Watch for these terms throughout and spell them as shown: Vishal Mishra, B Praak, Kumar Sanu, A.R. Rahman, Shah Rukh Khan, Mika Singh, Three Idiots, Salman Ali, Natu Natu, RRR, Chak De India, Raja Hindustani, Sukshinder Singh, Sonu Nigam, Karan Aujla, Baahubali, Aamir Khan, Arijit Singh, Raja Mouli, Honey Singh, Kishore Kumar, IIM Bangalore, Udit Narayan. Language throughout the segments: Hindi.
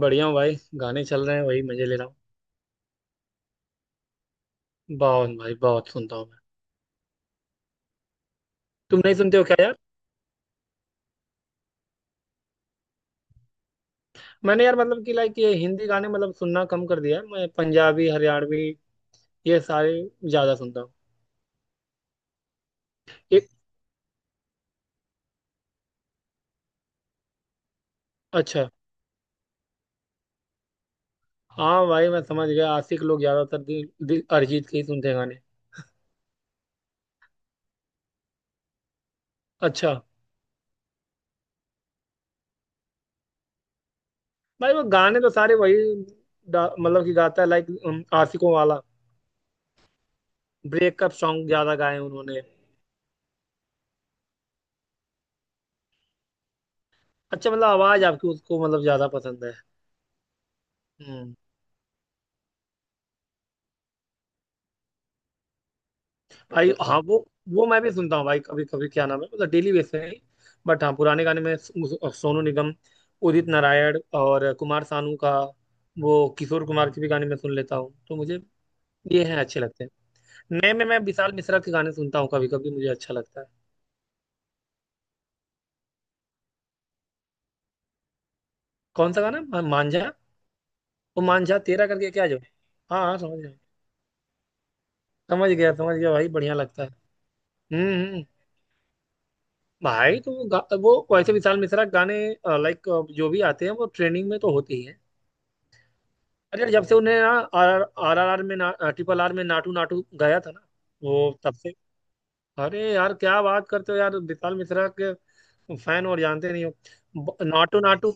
बढ़िया हूँ भाई। गाने चल रहे हैं वही मजे ले रहा हूँ बहुत भाई, बहुत सुनता हूँ मैं। तुम नहीं सुनते हो क्या यार? मैंने यार मतलब कि लाइक ये हिंदी गाने मतलब सुनना कम कर दिया है, मैं पंजाबी हरियाणवी ये सारे ज्यादा सुनता हूँ। एक अच्छा। हाँ भाई मैं समझ गया, आशिक लोग ज्यादातर दि- दि- अरिजीत के ही सुनते हैं गाने। अच्छा। भाई वो गाने तो सारे वही मतलब कि गाता है लाइक आशिकों वाला ब्रेकअप सॉन्ग ज्यादा गाए उन्होंने। अच्छा मतलब आवाज आपकी उसको मतलब ज्यादा पसंद है। हम्म भाई मतलब हाँ वो, मैं भी सुनता हूँ भाई कभी कभी, क्या नाम है, मतलब डेली बेस पे नहीं। बट हाँ पुराने गाने में सोनू निगम, उदित नारायण और कुमार सानू का, वो किशोर कुमार के भी गाने मैं सुन लेता हूँ तो मुझे ये हैं अच्छे लगते हैं। नए में मैं विशाल मिश्रा के गाने सुनता हूँ कभी कभी, मुझे अच्छा लगता है। कौन सा गाना, मांझा? वो मांझा तेरा करके क्या जो। हाँ हाँ समझ गया, समझ गया समझ गया भाई, बढ़िया लगता है। हम्म। भाई तो वो वो वैसे विशाल मिश्रा के गाने लाइक जो भी आते हैं वो ट्रेनिंग में तो होती है। अरे जब से उन्हें ना आर आर आर में ना ट्रिपल आर में नाटू नाटू गाया था ना, वो तब से। अरे यार क्या बात करते हो यार, विशाल मिश्रा के फैन और जानते नहीं हो? नाटू नाटू।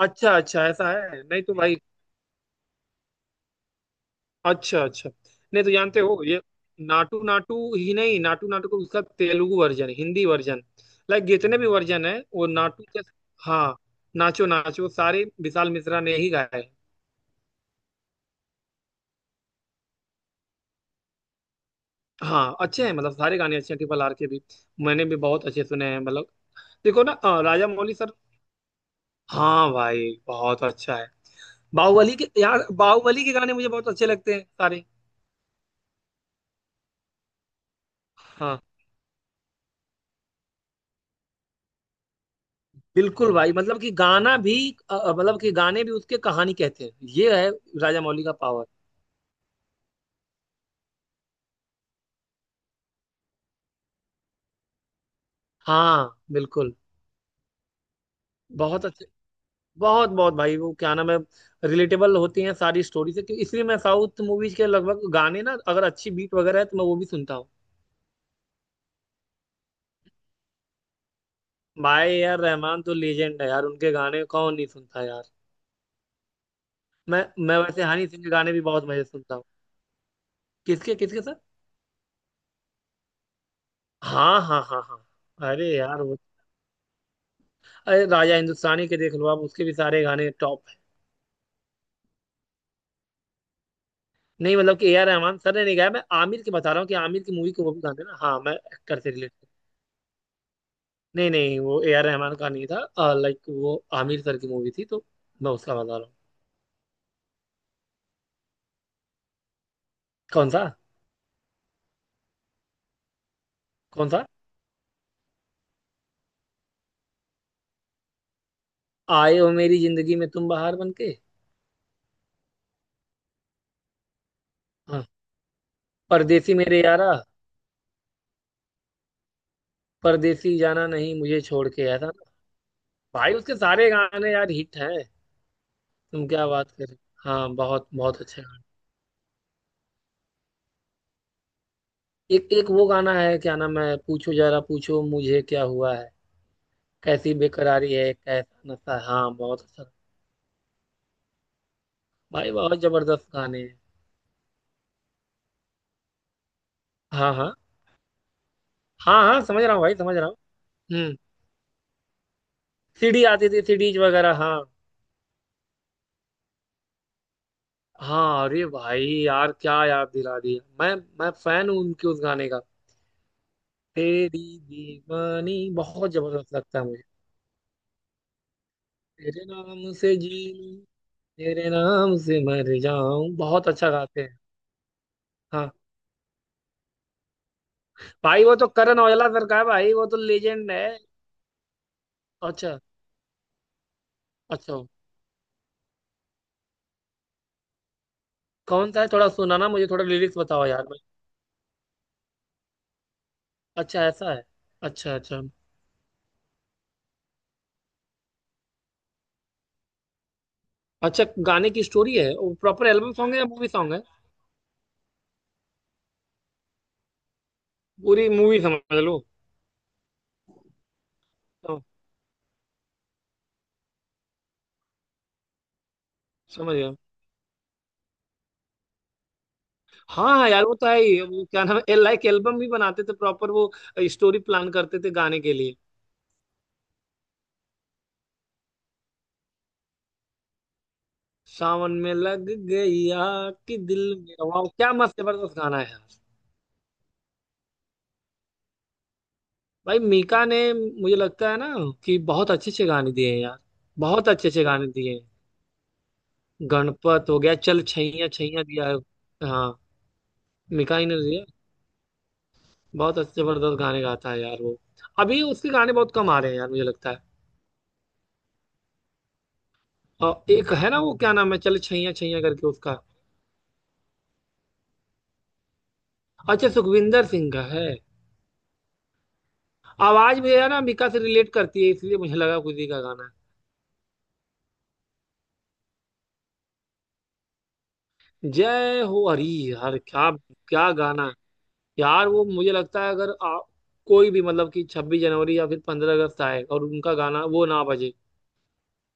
अच्छा अच्छा ऐसा है, नहीं तो भाई। अच्छा अच्छा। नहीं तो जानते हो ये नाटू नाटू ही नहीं, नाटू नाटू को उसका Telugu version, Hindi version like जितने भी वर्जन है वो नाटू के। हाँ। नाचो नाचो सारे विशाल मिश्रा ने ही गाए हैं। हाँ अच्छे हैं मतलब सारे गाने अच्छे हैं, ट्रिपल आर के भी मैंने भी बहुत अच्छे सुने हैं मतलब। देखो ना राजा मौली सर। हाँ भाई बहुत अच्छा है। बाहुबली के यार, बाहुबली के गाने मुझे बहुत अच्छे लगते हैं सारे। हाँ बिल्कुल भाई मतलब कि गाना भी मतलब कि गाने भी उसके कहानी कहते हैं। ये है राजा मौली का पावर। हाँ बिल्कुल। बहुत अच्छे, बहुत बहुत भाई, वो क्या नाम है, रिलेटेबल होती हैं सारी स्टोरी से, इसलिए मैं साउथ मूवीज के लगभग गाने ना अगर अच्छी बीट वगैरह है तो मैं वो भी सुनता हूँ। भाई यार रहमान तो लीजेंड है यार, उनके गाने कौन नहीं सुनता यार। मैं मैं वैसे हनी सिंह के गाने भी बहुत मजे से सुनता हूँ। किसके किसके सर? हाँ हाँ हाँ हाँ। अरे यार वो, अरे राजा हिंदुस्तानी के देख लो आप, उसके भी सारे गाने टॉप है। नहीं मतलब कि ए आर रहमान सर ने नहीं गाया, मैं आमिर के बता रहा हूँ कि आमिर की मूवी के वो भी गाने ना, हाँ मैं एक्टर से रिलेटेड। नहीं नहीं वो ए आर रहमान का नहीं था, लाइक वो आमिर सर की मूवी थी तो मैं उसका बता रहा हूँ। कौन सा? कौन सा? आए हो मेरी जिंदगी में तुम बहार बन के। हाँ। परदेसी मेरे यारा। परदेसी जाना नहीं मुझे छोड़ के, ऐसा ना। भाई उसके सारे गाने यार हिट हैं। तुम क्या बात कर रहे हो? हाँ बहुत बहुत अच्छे गाने। एक एक वो गाना है, क्या नाम है, पूछो जरा पूछो मुझे क्या हुआ है, कैसी बेकरारी है कैसा नशा है, हाँ बहुत अच्छा। भाई बहुत जबरदस्त गाने हैं। हाँ हाँ हाँ हाँ समझ रहा हूँ भाई समझ रहा हूँ। हम्म। सीडी आती थी, सीडीज वगैरह, हाँ हाँ। अरे भाई यार क्या याद दिला दिया, मैं फैन हूँ उनके उस गाने का। तेरी दीवानी बहुत जबरदस्त लगता है मुझे। तेरे नाम से जी लूं, तेरे नाम से मर जाऊं, बहुत अच्छा गाते हैं। हाँ भाई वो तो करण औजला सर का है भाई, वो तो लेजेंड है। अच्छा अच्छा। कौन सा है, थोड़ा सुनाना मुझे, थोड़ा लिरिक्स बताओ यार भाई। अच्छा ऐसा है। अच्छा अच्छा। अच्छा गाने की स्टोरी है? वो प्रॉपर एल्बम सॉन्ग है या मूवी सॉन्ग है? पूरी मूवी समझ लो। तो, समझ गया। हाँ हाँ यार वो तो है ही, वो क्या नाम है, लाइक एल्बम भी बनाते थे प्रॉपर, वो स्टोरी प्लान करते थे गाने के लिए। सावन में लग गया कि दिल मेरा, वाह क्या मस्त जबरदस्त गाना है यार। भाई मीका ने मुझे लगता है ना कि बहुत अच्छे अच्छे गाने दिए हैं यार, बहुत अच्छे अच्छे गाने दिए हैं। गणपत हो गया, चल छैया छैया दिया है। हाँ मीका ही ने दिया। बहुत अच्छे जबरदस्त गाने गाता है यार वो। अभी उसके गाने बहुत कम आ रहे हैं यार मुझे लगता है। और एक है ना वो क्या नाम है, चल छैया छैया करके उसका। अच्छा सुखविंदर सिंह का है। आवाज भी है ना मीका से रिलेट करती है इसलिए मुझे लगा कुछ ही का गाना है। जय हो हरी, हर क्या, क्या गाना है। यार वो मुझे लगता है अगर कोई भी मतलब कि 26 जनवरी या फिर 15 अगस्त आए और उनका गाना वो ना बजे,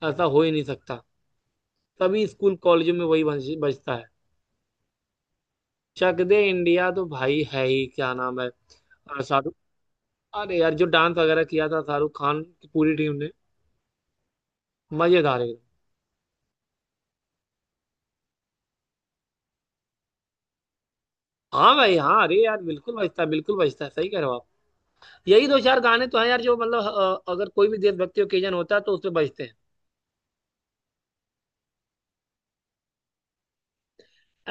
ऐसा हो ही नहीं सकता। सभी स्कूल कॉलेजों में वही बजता है। चक दे इंडिया तो भाई है ही, क्या नाम है, शाहरुख। अरे यार जो डांस वगैरह किया था शाहरुख खान की पूरी टीम ने, मजेदार है। हाँ भाई हाँ, अरे यार बिल्कुल बजता है बिल्कुल बजता है, सही कह रहे हो आप। यही दो चार गाने तो हैं यार जो मतलब अगर कोई भी देशभक्ति ओकेजन होता है तो उसमें बजते हैं।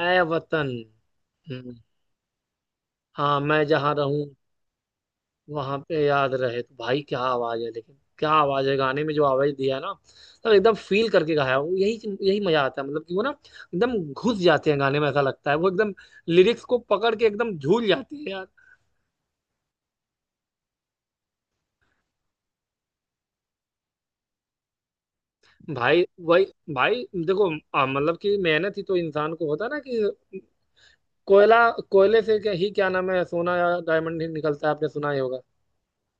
ऐ वतन। हम्म, हाँ मैं जहाँ रहूं वहां पे याद रहे तो, भाई क्या आवाज है, लेकिन क्या आवाज है गाने में जो आवाज दिया है ना तो एकदम फील करके गाया है। वो यही यही मजा आता है मतलब कि वो ना एकदम घुस जाते हैं गाने में, ऐसा लगता है वो एकदम लिरिक्स को पकड़ के एकदम झूल जाते हैं यार। भाई वही, भाई देखो मतलब कि मेहनत ही तो इंसान को होता है ना कि कोयला, कोयले से क्या ही, क्या नाम है, सोना या डायमंड ही निकलता है, आपने सुना ही होगा।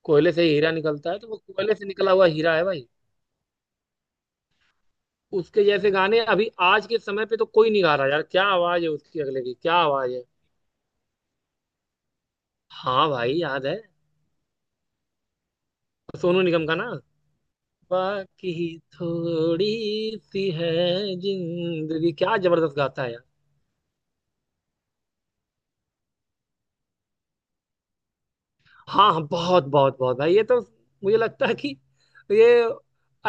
कोयले से ही हीरा निकलता है, तो वो कोयले से निकला हुआ हीरा है भाई। उसके जैसे गाने अभी आज के समय पे तो कोई नहीं गा रहा यार, क्या आवाज है उसकी, अगले की क्या आवाज है। हाँ भाई याद है। सोनू निगम का ना? बाकी थोड़ी सी है जिंदगी, क्या जबरदस्त गाता है यार। हाँ हाँ बहुत बहुत बहुत भाई, ये तो मुझे लगता है कि ये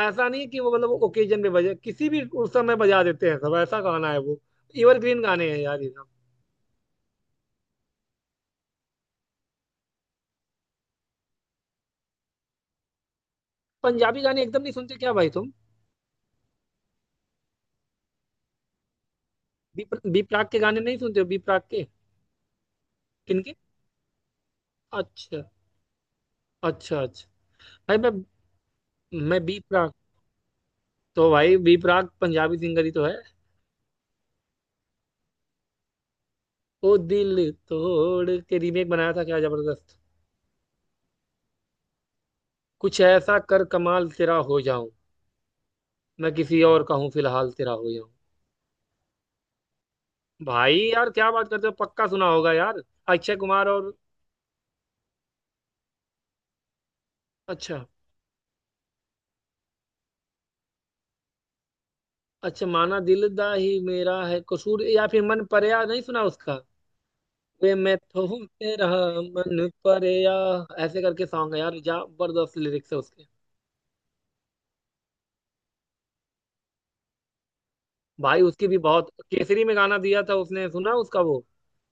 ऐसा नहीं है कि वो मतलब ओकेजन पे बजे, किसी भी उस समय बजा देते हैं सब, ऐसा गाना है वो। एवरग्रीन गाने हैं यार ये सब। पंजाबी गाने एकदम नहीं सुनते क्या भाई तुम? बी बी प्राक के गाने नहीं सुनते हो, बी प्राक के? किनके? अच्छा। अच्छा अच्छा। भाई मैं बी प्राक, तो भाई बी प्राक पंजाबी सिंगर ही तो है। ओ दिल तोड़ के रीमेक बनाया था, क्या जबरदस्त। कुछ ऐसा कर कमाल तेरा हो जाऊं, मैं किसी और का हूं फिलहाल तेरा हो जाऊं। भाई यार क्या बात करते हो, पक्का सुना होगा यार। अक्षय कुमार और अच्छा अच्छा। माना दिल दा ही मेरा है कसूर, या फिर मन परया नहीं सुना उसका? वे मैं तो हूं तेरा मन परया, ऐसे करके सॉन्ग है यार, जबरदस्त लिरिक्स है उसके। भाई उसकी भी बहुत केसरी में गाना दिया था उसने, सुना उसका वो,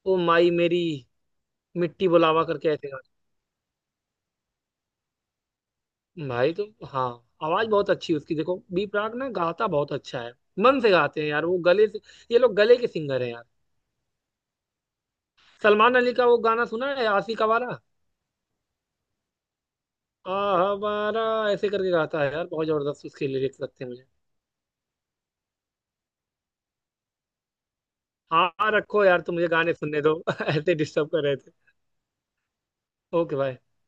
ओ माई मेरी मिट्टी बुलावा करके ऐसे, गाना भाई तो हाँ। आवाज बहुत अच्छी है उसकी, देखो बी प्राक ना गाता बहुत अच्छा है, मन से गाते हैं यार वो, गले से। ये लोग गले के सिंगर हैं यार। सलमान अली का वो गाना सुना है आशिक आवारा, आवारा ऐसे करके गाता है यार, बहुत जबरदस्त उसके लिरिक्स लगते हैं मुझे। हाँ रखो यार, तुम मुझे गाने सुनने दो ऐसे डिस्टर्ब कर रहे थे। ओके भाई।